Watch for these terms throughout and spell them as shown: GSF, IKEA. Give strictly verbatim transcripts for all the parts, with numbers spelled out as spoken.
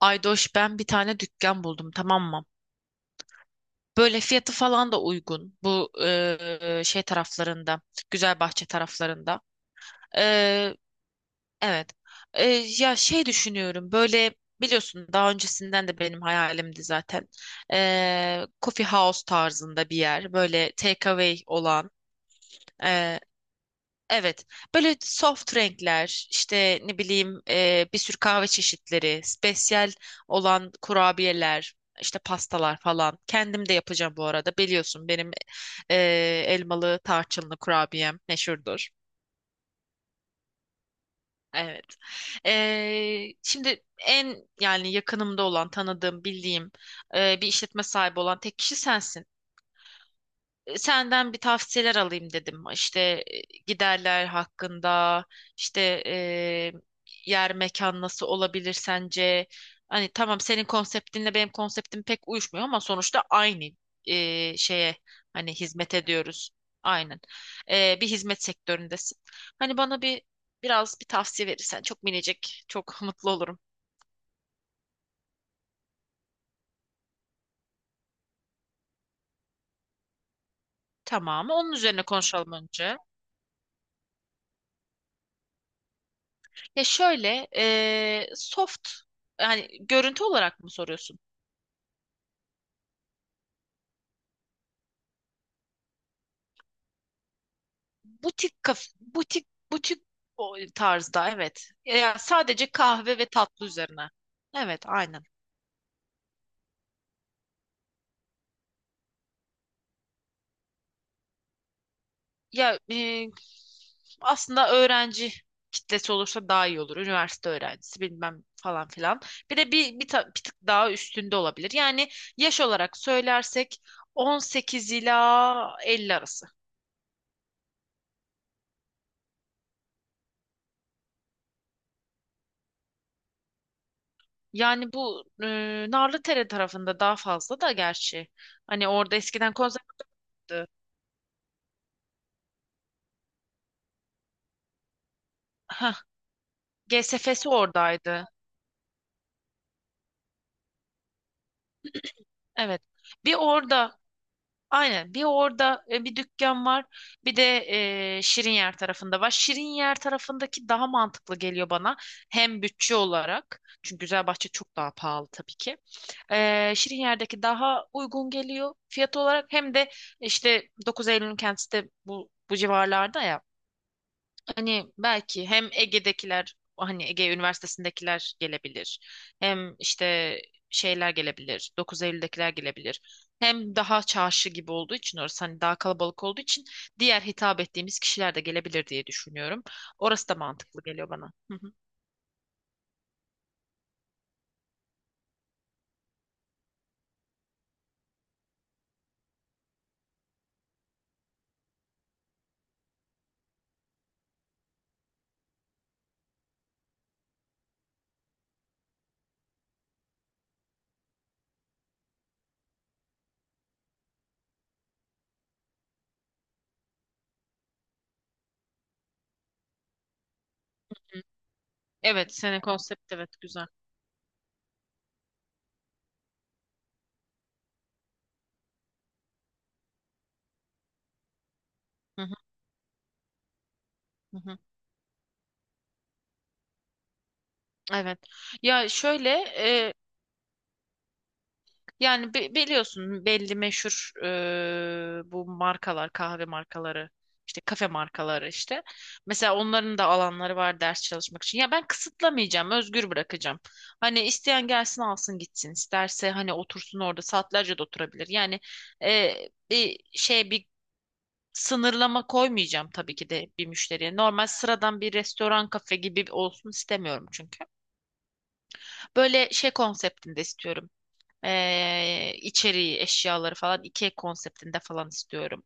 Aydoş, ben bir tane dükkan buldum, tamam mı? Böyle fiyatı falan da uygun. Bu eee, şey taraflarında, Güzelbahçe taraflarında. Eee, evet. Eee, ya şey düşünüyorum. Böyle biliyorsun, daha öncesinden de benim hayalimdi zaten. Eee coffee house tarzında bir yer, böyle takeaway olan. Evet, böyle soft renkler, işte ne bileyim e, bir sürü kahve çeşitleri, spesiyel olan kurabiyeler, işte pastalar falan. Kendim de yapacağım bu arada. Biliyorsun benim e, elmalı tarçınlı kurabiyem meşhurdur. Evet. E, şimdi en, yani yakınımda olan, tanıdığım, bildiğim e, bir işletme sahibi olan tek kişi sensin. Senden bir tavsiyeler alayım dedim. İşte e, giderler hakkında, işte e, yer mekan nasıl olabilir sence? Hani tamam, senin konseptinle benim konseptim pek uyuşmuyor ama sonuçta aynı e, şeye hani hizmet ediyoruz. Aynen. E, bir hizmet sektöründesin. Hani bana bir biraz bir tavsiye verirsen çok minicik, çok mutlu olurum. Tamam. Onun üzerine konuşalım önce. Ya şöyle, e, soft yani görüntü olarak mı soruyorsun? Butik kaf, butik butik o tarzda evet. Ya sadece kahve ve tatlı üzerine. Evet, aynen. Ya e, aslında öğrenci kitlesi olursa daha iyi olur. Üniversite öğrencisi bilmem falan filan. Bir de bir, bir, ta- bir tık daha üstünde olabilir. Yani yaş olarak söylersek on sekiz ila elli arası. Yani bu e, Narlıdere tarafında daha fazla da gerçi. Hani orada eskiden konservatuvar vardı. G S G S F'si oradaydı. Evet. Bir orada aynen bir orada e, bir dükkan var. Bir de e, Şirinyer tarafında var. Şirinyer tarafındaki daha mantıklı geliyor bana. Hem bütçe olarak. Çünkü Güzelbahçe çok daha pahalı tabii ki. E, Şirinyer'deki daha uygun geliyor fiyat olarak. Hem de işte Dokuz Eylül'ün kendisi de bu, bu civarlarda ya. Hani belki hem Ege'dekiler, hani Ege Üniversitesi'ndekiler gelebilir. Hem işte şeyler gelebilir, Dokuz Eylül'dekiler gelebilir. Hem daha çarşı gibi olduğu için orası, hani daha kalabalık olduğu için diğer hitap ettiğimiz kişiler de gelebilir diye düşünüyorum. Orası da mantıklı geliyor bana. Hı hı. Evet, senin konsept evet güzel. Hı hı, hı hı. Evet. Ya şöyle, yani bi- biliyorsun belli meşhur e, bu markalar, kahve markaları, işte kafe markaları işte. Mesela onların da alanları var ders çalışmak için. Ya ben kısıtlamayacağım, özgür bırakacağım. Hani isteyen gelsin alsın gitsin. İsterse hani otursun orada saatlerce de oturabilir. Yani e, bir şey bir sınırlama koymayacağım tabii ki de bir müşteriye. Normal sıradan bir restoran kafe gibi olsun istemiyorum çünkü. Böyle şey konseptinde istiyorum. Ee, içeriği, eşyaları falan IKEA konseptinde falan istiyorum.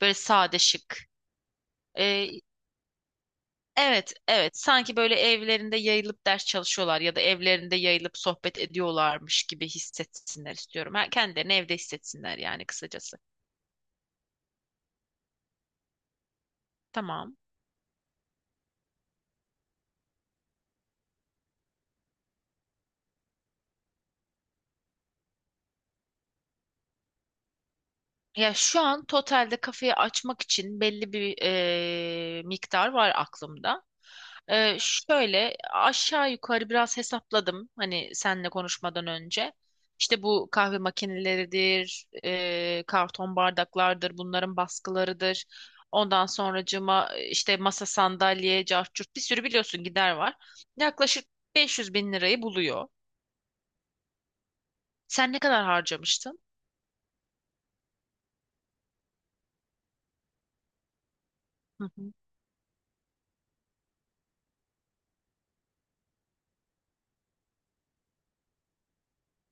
Böyle sade, şık. Ee, evet, evet. Sanki böyle evlerinde yayılıp ders çalışıyorlar ya da evlerinde yayılıp sohbet ediyorlarmış gibi hissetsinler istiyorum. Ha, kendilerini evde hissetsinler yani kısacası. Tamam. Ya şu an totalde kafeyi açmak için belli bir eee, miktar var aklımda. Eee, şöyle aşağı yukarı biraz hesapladım hani seninle konuşmadan önce. İşte bu kahve makineleridir, eee, karton bardaklardır, bunların baskılarıdır. Ondan sonracığıma işte masa sandalye, cart curt bir sürü biliyorsun gider var. Yaklaşık beş yüz bin lirayı buluyor. Sen ne kadar harcamıştın?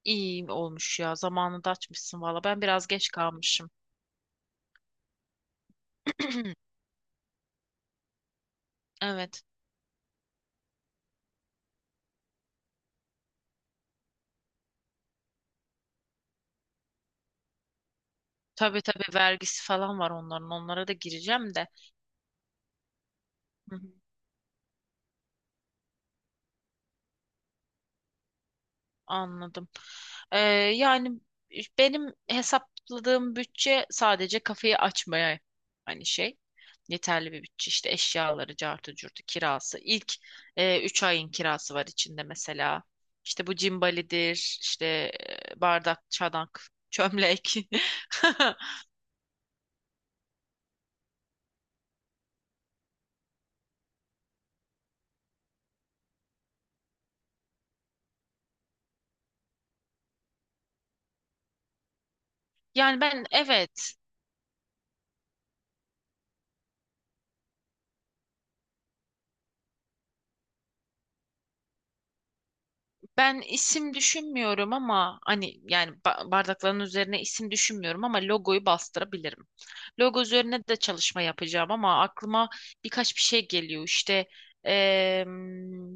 İyi olmuş ya. Zamanında açmışsın valla. Ben biraz geç kalmışım. Evet. Tabii tabii, vergisi falan var onların. Onlara da gireceğim de. Hı hı, anladım. Ee, yani benim hesapladığım bütçe sadece kafeyi açmaya hani şey. Yeterli bir bütçe. İşte eşyaları, cartı, curtu, kirası. İlk e, üç ayın kirası var içinde mesela. İşte bu cimbalidir, işte e, bardak, çanak, çömlek. Yani ben, evet, ben isim düşünmüyorum ama hani yani ba- bardakların üzerine isim düşünmüyorum ama logoyu bastırabilirim. Logo üzerine de çalışma yapacağım ama aklıma birkaç bir şey geliyor işte em,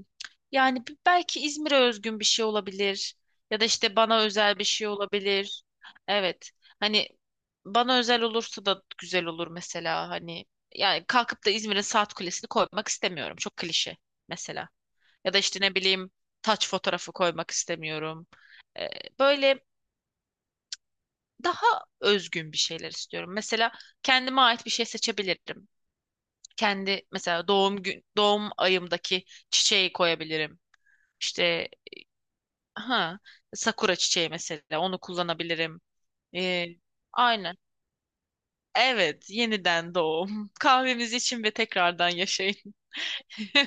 yani b- belki İzmir'e özgün bir şey olabilir ya da işte bana özel bir şey olabilir. Evet, hani bana özel olursa da güzel olur mesela, hani yani kalkıp da İzmir'in saat kulesini koymak istemiyorum, çok klişe mesela. Ya da işte ne bileyim taç fotoğrafı koymak istemiyorum. Ee, böyle daha özgün bir şeyler istiyorum. Mesela kendime ait bir şey seçebilirim. Kendi mesela doğum gün doğum ayımdaki çiçeği koyabilirim. İşte ha, sakura çiçeği mesela, onu kullanabilirim. Ee, aynen. Evet, yeniden doğum. Kahvemizi için ve tekrardan yaşayın.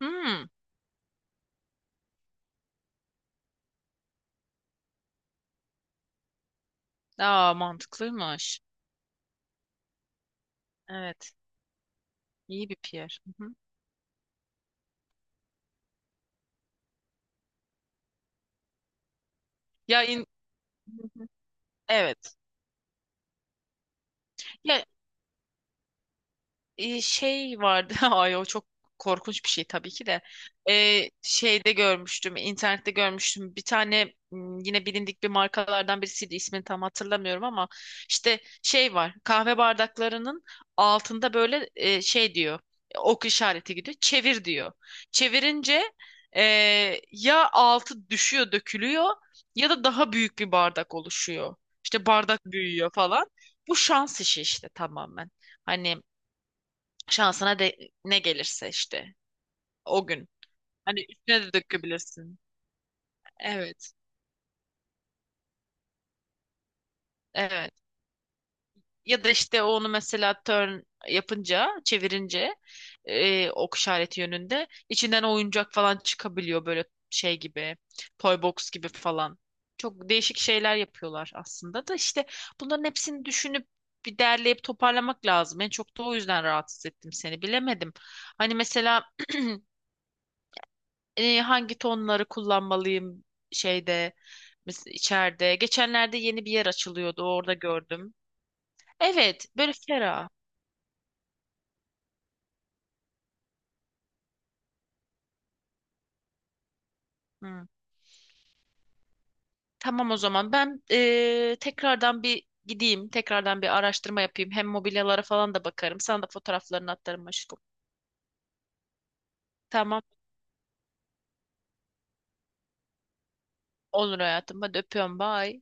Hmm. Aa, mantıklıymış. Evet. İyi bir P R. Hı hı. Ya in... Hı hı. Evet. Ya e, şey vardı. Ay, o çok korkunç bir şey tabii ki de. E, şeyde görmüştüm, internette görmüştüm. Bir tane m, yine bilindik bir markalardan birisiydi. İsmini tam hatırlamıyorum ama işte şey var. Kahve bardaklarının altında böyle e, şey diyor. Ok işareti gidiyor. Çevir diyor. Çevirince e, ya altı düşüyor, dökülüyor ya da daha büyük bir bardak oluşuyor. İşte bardak büyüyor falan. Bu şans işi işte, tamamen. Hani şansına de ne gelirse işte o gün. Hani üstüne de dökebilirsin. Evet. Evet. Ya da işte onu mesela turn yapınca, çevirince e, ok işareti yönünde içinden oyuncak falan çıkabiliyor, böyle şey gibi. Toy box gibi falan. Çok değişik şeyler yapıyorlar aslında da, işte bunların hepsini düşünüp bir derleyip toparlamak lazım. En çok da o yüzden rahatsız ettim seni. Bilemedim. Hani mesela e, hangi tonları kullanmalıyım şeyde mes- içeride. Geçenlerde yeni bir yer açılıyordu. Orada gördüm. Evet, böyle ferah. Hı. Tamam o zaman ben e, tekrardan bir gideyim. Tekrardan bir araştırma yapayım. Hem mobilyalara falan da bakarım. Sana da fotoğraflarını atarım aşkım. Tamam. Olur hayatım. Hadi öpüyorum. Bye.